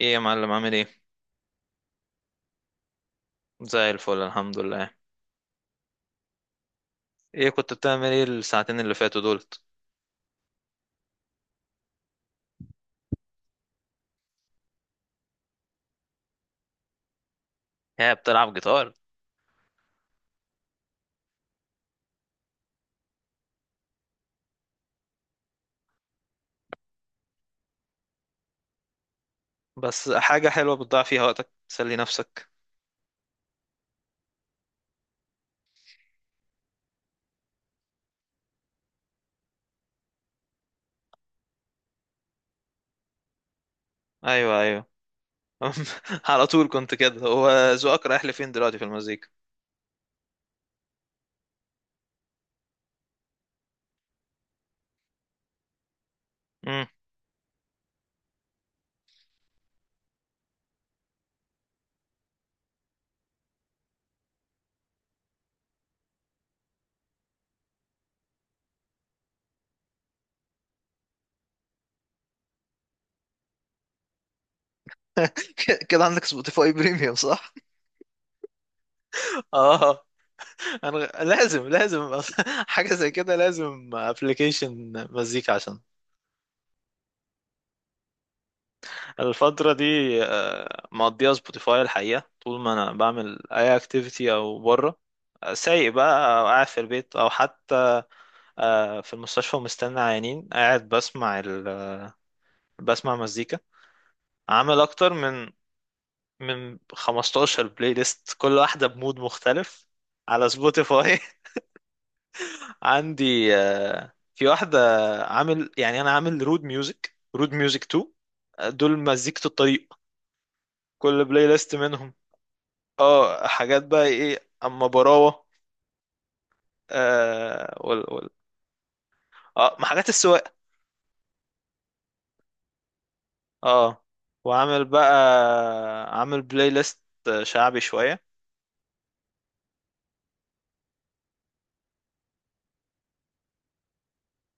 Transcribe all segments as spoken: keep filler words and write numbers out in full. ايه يا معلم عامل ايه؟ زي الفل الحمد لله. ايه كنت بتعمل ايه الساعتين اللي فاتوا دولت؟ هي بتلعب جيتار؟ بس حاجة حلوة بتضيع فيها وقتك تسلي نفسك. ايوه، ايوه. على طول كنت كده، هو ذوقك رايح لفين دلوقتي في المزيكا؟ امم. كده عندك سبوتيفاي بريميوم صح؟ اه. انا غ- لازم لازم. حاجة زي كده لازم ابلكيشن مزيكا عشان الفترة دي، آه، مقضيها سبوتيفاي الحقيقة، طول ما انا بعمل اي اكتيفيتي او بره سايق بقى او قاعد في البيت او حتى آه، في المستشفى ومستني عيانين قاعد بسمع ال... بسمع مزيكا. عامل اكتر من من خمسة عشر بلاي ليست، كل واحده بمود مختلف على سبوتيفاي. عندي آه، في واحده، عامل يعني انا عامل رود ميوزك رود ميوزك تو، آه، دول مزيكة الطريق. كل بلاي ليست منهم اه، حاجات بقى ايه اما براوه. آه، وال وال. اه ما حاجات السواقه. اه، وعامل بقى عامل بلاي ليست شعبي شوية.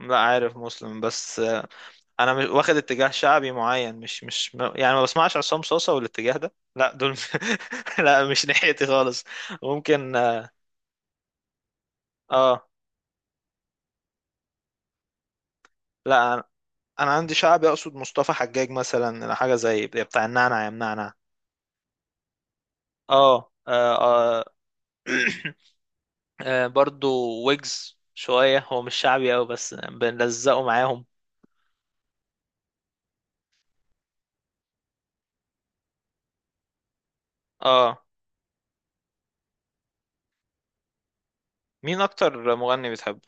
لا، عارف مسلم بس. انا مش واخد اتجاه شعبي معين، مش مش م- يعني ما بسمعش عصام صوصة والاتجاه ده، لا دول. لا، مش ناحيتي خالص. ممكن اه، آه، لا، انا، أنا عندي شعبي اقصد مصطفى حجاج مثلا، حاجة زي بتاع النعنع يا منعنع. اه، اه، آه. آه، برضو ويجز شوية، هو مش شعبي أوي بس بنلزقه معاهم اه. مين أكتر مغني بتحبه؟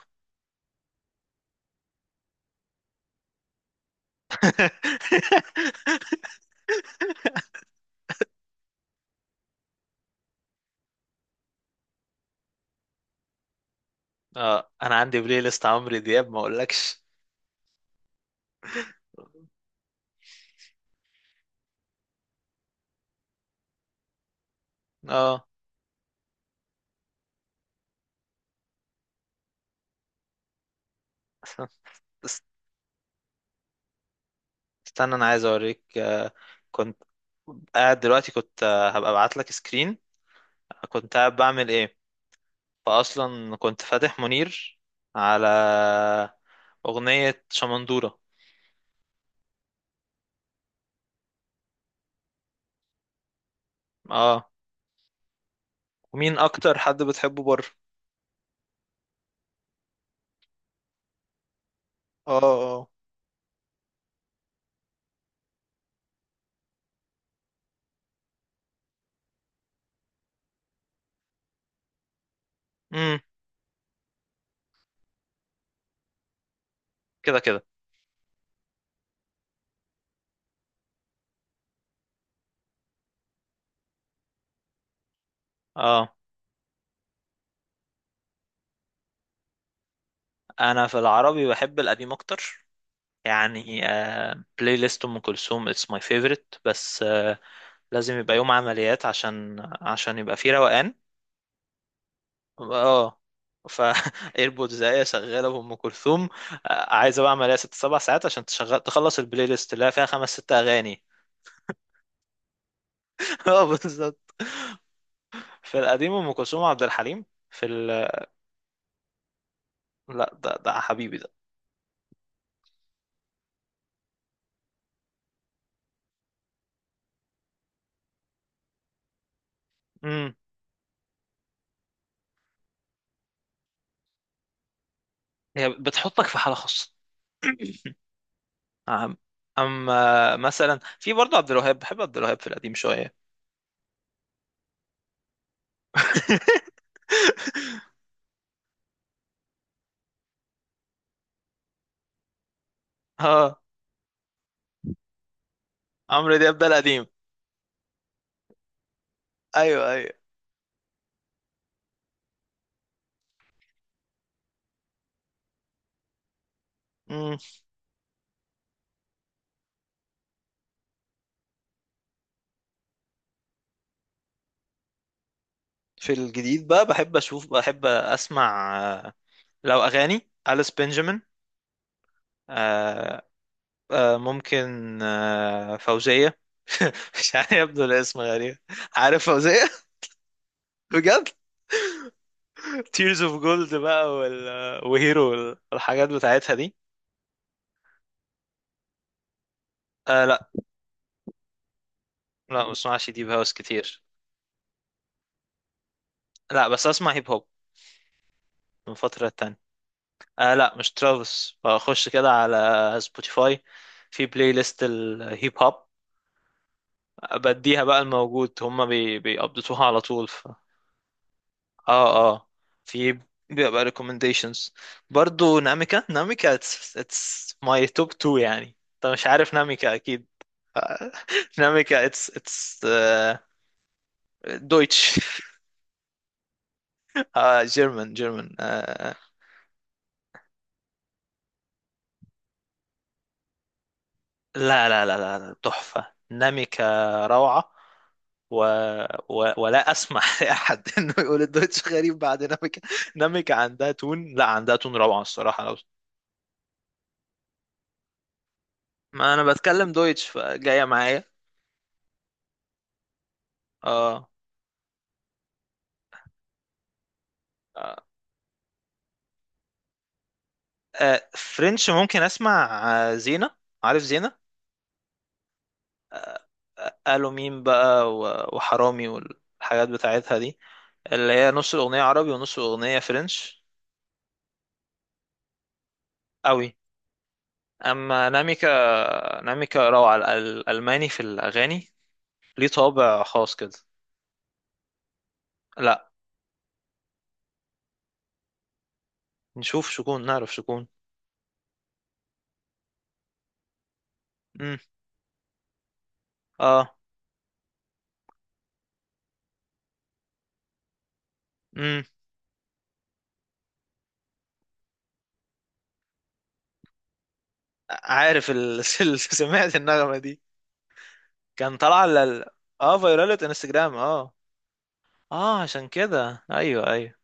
اه، انا عندي بلاي ليست عمرو دياب ما اقولكش اه. است- استنى، انا عايز اوريك، آه، كنت قاعد دلوقتي، كنت آه، هبقى ابعت لك سكرين. كنت قاعد بعمل ايه، فاصلا كنت فاتح منير على اغنية شمندورة اه. ومين اكتر حد بتحبه بره؟ اه، اه، امم، كده كده اه. انا في العربي بحب القديم اكتر، يعني آه بلاي ليست ام كلثوم اتس ماي فيفورت، بس آه، لازم يبقى يوم عمليات عشان عشان يبقى فيه روقان اه. ف ايربودز ايه شغاله بام كلثوم. آه، عايزه بقى عمليه ست سبع ساعات عشان تشغل تخلص البلاي ليست اللي هي فيها خمس ست اغاني. اه بالظبط. في القديم ام كلثوم وعبد الحليم في ال... لا، ده ده حبيبي ده. امم. هي بتحطك في حاله خاصه. أم... اما مثلا في برضه عبد الوهاب، بحب عبد الوهاب في القديم شويه. اه، عمرو دياب ده القديم. ايوه، ايوه. في الجديد بقى، بحب اشوف بحب اسمع آه، لو اغاني أليس بنجامين. آه، آه، ممكن آه، فوزية. مش عارف، يبدو الاسم غريب. عارف فوزية. بجد، تيرز اوف جولد بقى وال... وهيرو وال- والحاجات بتاعتها دي. آه لا، لا ما بسمعش ديب هاوس كتير. لا، بس اسمع هيب هوب من فترة تانية. آه لا مش ترافيس، بخش كده على سبوتيفاي في بلاي ليست الهيب هوب، بديها بقى الموجود هما بي بيقبضتوها على طول ف... اه، اه، في بيبقى recommendations. برضو ناميكا، ناميكا it's, it's my top two، يعني انت مش عارف ناميكا اكيد. ناميكا it's it's uh, Deutsch. آه، German German آه آه. لا لا لا لا لا، تحفة ناميكا روعة. و... و... ولا اسمح لاحد انه يقول الدويتش غريب بعد ناميكا. ناميكا عندها تون، لا عندها تون روعة الصراحة، لو ما انا بتكلم دويتش فجايه معايا اه. آه، آه، فرنش ممكن اسمع، آه، زينة، عارف زينة؟ آه، قالوا مين بقى و- وحرامي والحاجات بتاعتها دي، اللي هي نص الاغنيه عربي ونص الاغنيه فرنش قوي. اما ناميكا، ناميكا روعه، ال- الالماني في الاغاني ليه طابع خاص كده. لا، نشوف شكون نعرف شكون. امم، اه، امم، عارف ال... سمعت النغمه دي، كان طالعه لل... اه فيرالة انستجرام اه. اه عشان كده ايوه، ايوه.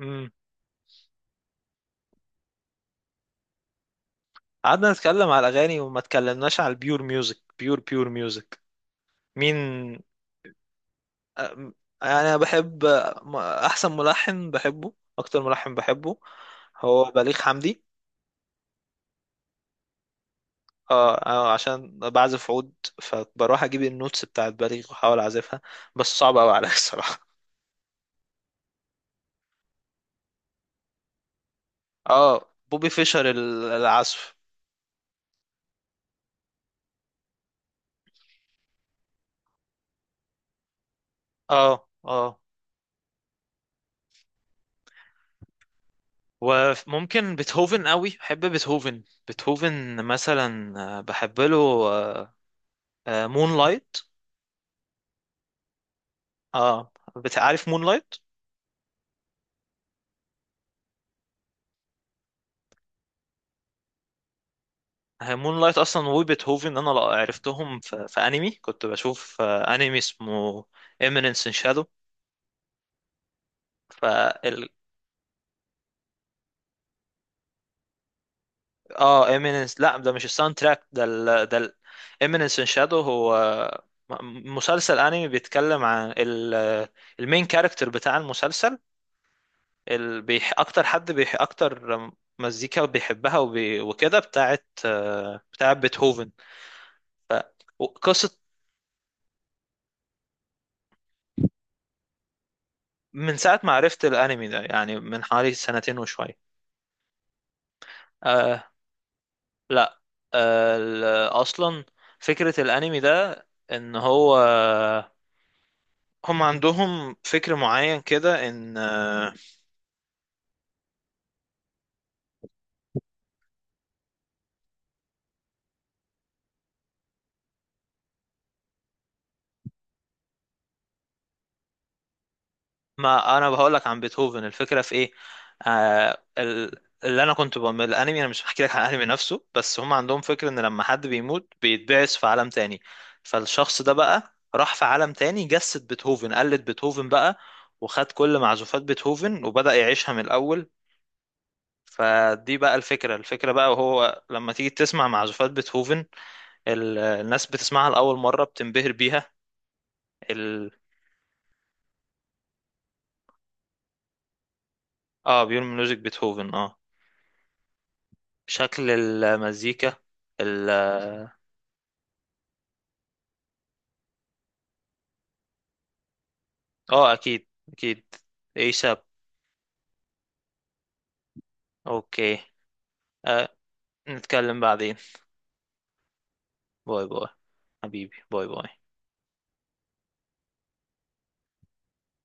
امم. قعدنا نتكلم على الاغاني وما اتكلمناش على البيور ميوزك، بيور بيور ميوزك. مين؟ أم- انا بحب، م- احسن ملحن بحبه، اكتر ملحن بحبه هو بليغ حمدي. اه، آه، عشان بعزف عود فبروح اجيب النوتس بتاعت بليغ واحاول اعزفها، بس صعب قوي عليا. الصراحه اه بوبي فيشر ال- العزف اه اه. وممكن بيتهوفن قوي، بحب بيتهوفن، بيتهوفن مثلا آه، بحب له مون لايت اه. بتعرف مون لايت؟ مون لايت اصلا وبيتهوفن انا لا- عرفتهم في, في انمي كنت بشوف، آه، انمي اسمه ايمينينس ان شادو ف ال... اه ايمينينس، لا ده مش الساوند تراك، ده ال... ده ال... ايمينينس ان شادو هو م- مسلسل انمي بيتكلم عن ال... المين كاركتر بتاع المسلسل، ال... بيح... اكتر حد بيح... اكتر مزيكا بيحبها وبي... وكده بتاعت آه، بتاعت بيتهوفن وقصة. من ساعة ما عرفت الانمي ده يعني، من حوالي سنتين وشوية. أه، لا. أه ال- اصلا فكرة الانمي ده، ان هو هم عندهم فكر معين كده ان آه، ما انا بقول لك عن بيتهوفن الفكره في ايه؟ آه ال- اللي انا كنت بعمل الانمي، انا مش بحكي لك عن الانمي نفسه، بس هم عندهم فكره ان لما حد بيموت بيتبعث في عالم تاني، فالشخص ده بقى راح في عالم تاني جسد بيتهوفن، قلد بيتهوفن بقى وخد كل معزوفات بيتهوفن وبدأ يعيشها من الاول. فدي بقى الفكره، الفكره بقى، وهو لما تيجي تسمع معزوفات بيتهوفن ال- الناس بتسمعها لاول مره بتنبهر بيها. ال... اه، بيقول ميوزك بيتهوفن اه، شكل المزيكا ال اه. اكيد اكيد. ايساب. اوكي. أه، نتكلم بعدين. باي باي، حبيبي باي باي.